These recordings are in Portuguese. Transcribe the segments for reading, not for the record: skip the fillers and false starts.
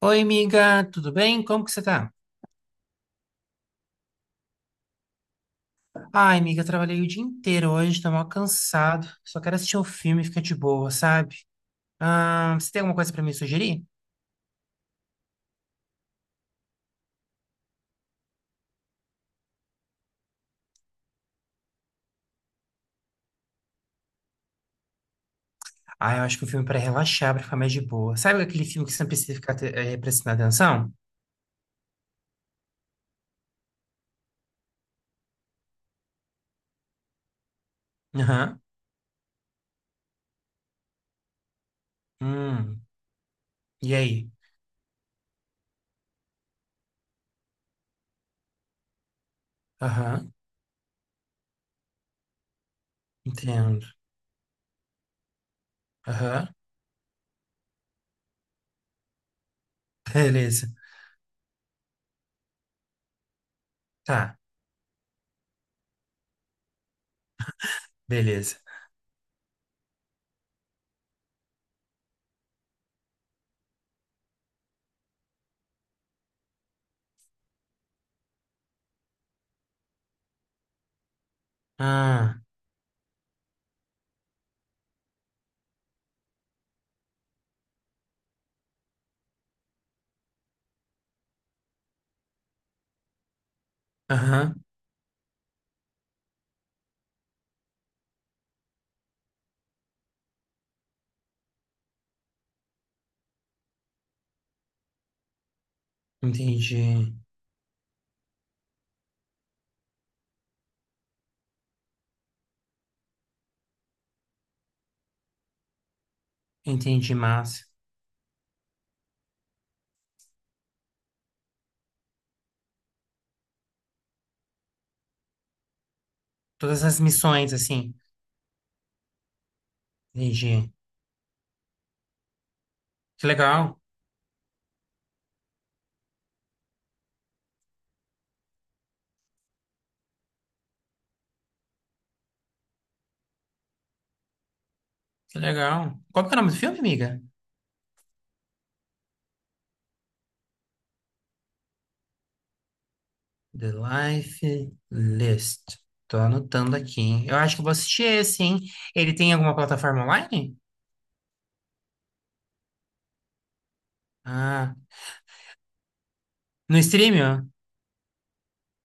Oi, amiga, tudo bem? Como que você tá? Ai, amiga, trabalhei o dia inteiro hoje, tô mal cansado. Só quero assistir um filme e ficar de boa, sabe? Ah, você tem alguma coisa pra me sugerir? Ah, eu acho que um filme é pra relaxar, pra ficar mais de boa. Sabe aquele filme que você não precisa ficar prestando atenção? Aham. Hum. E aí? Aham. Entendo. Aham. Beleza. Tá, beleza. Ah, aham. Entendi. Entendi, mas. Todas as missões, assim. Entendi. Que legal. Que legal. Qual que é o nome do filme, amiga? The Life List. Tô anotando aqui, hein? Eu acho que eu vou assistir esse, hein? Ele tem alguma plataforma online? Ah, no streaming? Ó?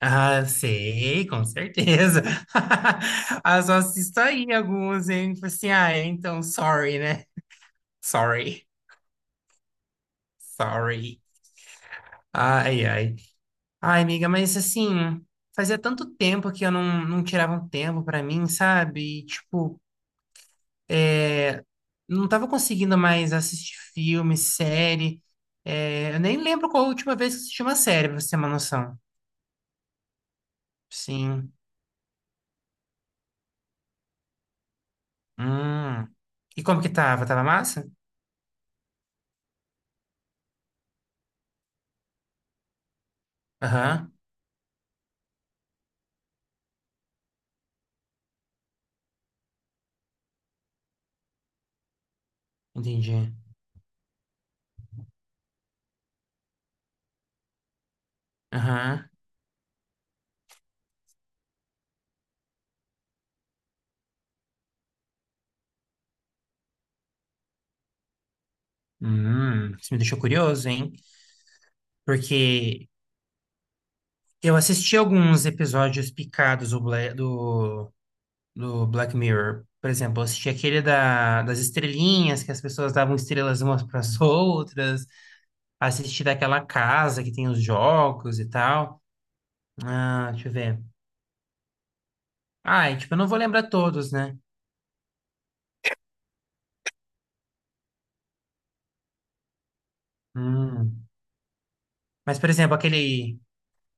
Ah, sei, com certeza. Ah, só assisto aí alguns, hein? Tipo assim, ah, é, então, sorry, né? Sorry. Sorry. Ai, ai. Ai, amiga, mas assim, fazia tanto tempo que eu não tirava um tempo pra mim, sabe? E, tipo, não tava conseguindo mais assistir filme, série. É, eu nem lembro qual a última vez que assisti uma série, pra você ter uma noção. Sim. Hum. E como que tava? Tava massa? Aham, entendi. Aham. Isso me deixou curioso, hein? Porque eu assisti alguns episódios picados do Black Mirror. Por exemplo, eu assisti aquele das estrelinhas, que as pessoas davam estrelas umas para as outras. Assistir daquela casa que tem os jogos e tal. Ah, deixa eu ver. Ah, e, tipo, eu não vou lembrar todos, né? Hum. Mas, por exemplo,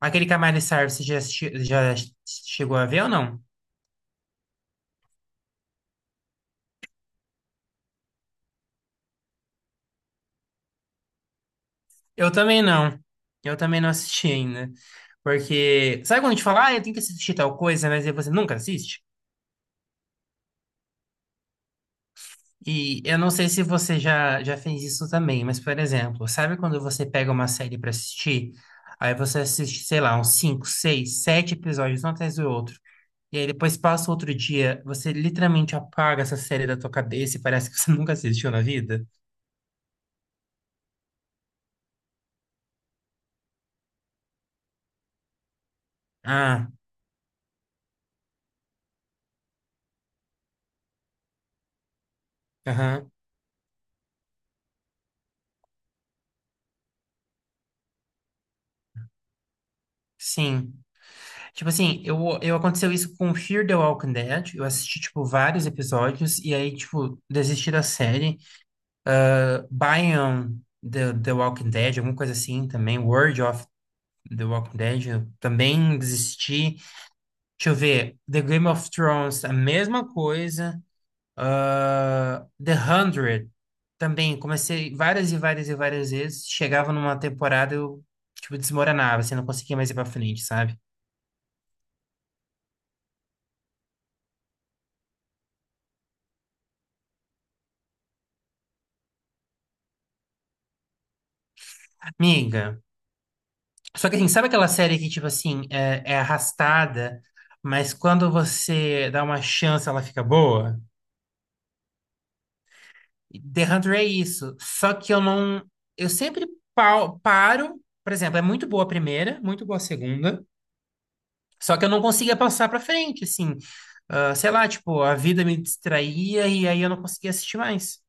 aquele Camari Sar, você já chegou a ver ou não? Eu também não. Eu também não assisti ainda. Porque, sabe quando a gente fala, ah, eu tenho que assistir tal coisa, mas aí você nunca assiste? E eu não sei se você já fez isso também, mas, por exemplo, sabe quando você pega uma série pra assistir? Aí você assiste, sei lá, uns 5, 6, 7 episódios, um atrás do outro. E aí depois passa outro dia, você literalmente apaga essa série da tua cabeça e parece que você nunca assistiu na vida. Ah, aham, sim. Tipo assim, eu aconteceu isso com Fear the Walking Dead. Eu assisti, tipo, vários episódios e aí, tipo, desisti da série. Bion the Walking Dead, alguma coisa assim também. World of The Walking Dead, eu também desisti. Deixa eu ver. The Game of Thrones, a mesma coisa. Ah, The Hundred também, comecei várias e várias e várias vezes. Chegava numa temporada, eu, tipo, desmoronava, assim, não conseguia mais ir pra frente, sabe? Amiga, só que assim, sabe aquela série que, tipo assim, é arrastada, mas quando você dá uma chance, ela fica boa? The 100 é isso. Só que eu não. Eu sempre paro. Por exemplo, é muito boa a primeira, muito boa a segunda. Só que eu não conseguia passar pra frente, assim. Ah, sei lá, tipo, a vida me distraía e aí eu não conseguia assistir mais.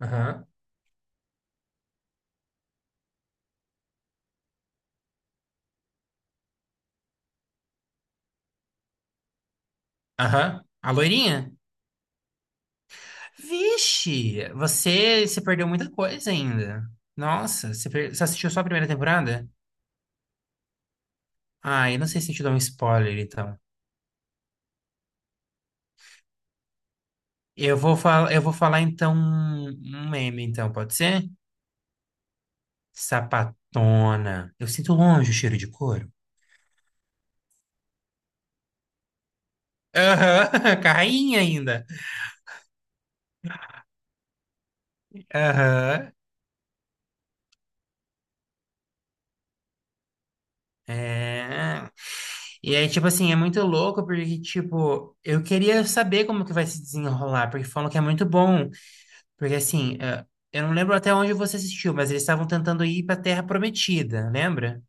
Aham. Aham. A loirinha? Vixe, você se perdeu muita coisa ainda. Nossa, você, per- você assistiu só a primeira temporada? Ah, eu não sei se eu te dou um spoiler, então. Eu vou, fal... eu vou falar, então, um meme, então, pode ser? Sapatona. Eu sinto longe o cheiro de couro. Aham, carrainha ainda. Aham. É. E aí, tipo assim, é muito louco porque, tipo, eu queria saber como que vai se desenrolar, porque falam que é muito bom. Porque, assim, eh, eu não lembro até onde você assistiu, mas eles estavam tentando ir pra Terra Prometida, lembra?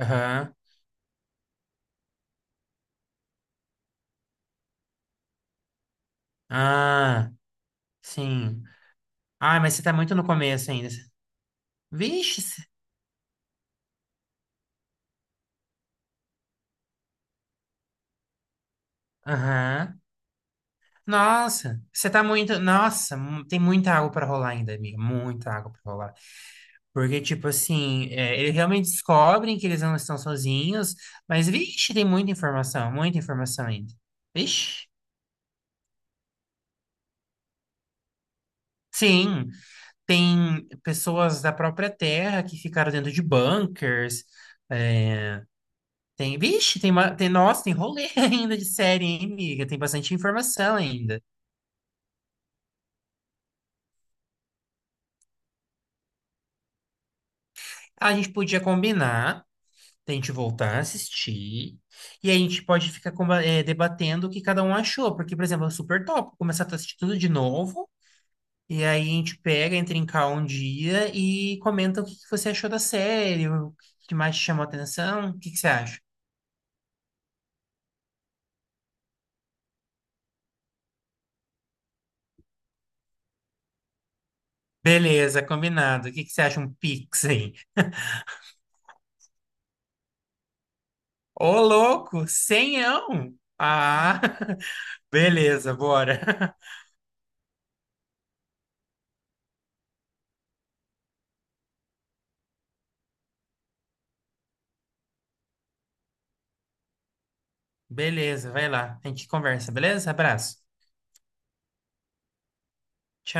Aham. Ah, sim. Ah, mas você tá muito no começo ainda. Vixe! Cê- aham. Nossa, você tá muito. Nossa, mu- tem muita água pra rolar ainda, amiga. Muita água pra rolar. Porque, tipo assim, é, eles realmente descobrem que eles não estão sozinhos, mas, vixe, tem muita informação ainda. Vixe. Sim, tem pessoas da própria Terra que ficaram dentro de bunkers. É, tem, vixe, tem, ma- tem, nossa, tem rolê ainda de série, hein, amiga? Tem bastante informação ainda. A gente podia combinar, a gente voltar a assistir, e a gente pode ficar debatendo o que cada um achou. Porque, por exemplo, é super top começar a assistir tudo de novo. E aí a gente pega, entra em call um dia e comenta o que que você achou da série, o que que mais te chamou a atenção, o que que você acha? Beleza, combinado. O que que você acha um Pix aí? Ô, louco, senhão! Ah, beleza, bora. Beleza, vai lá. A gente conversa, beleza? Abraço. Tchau.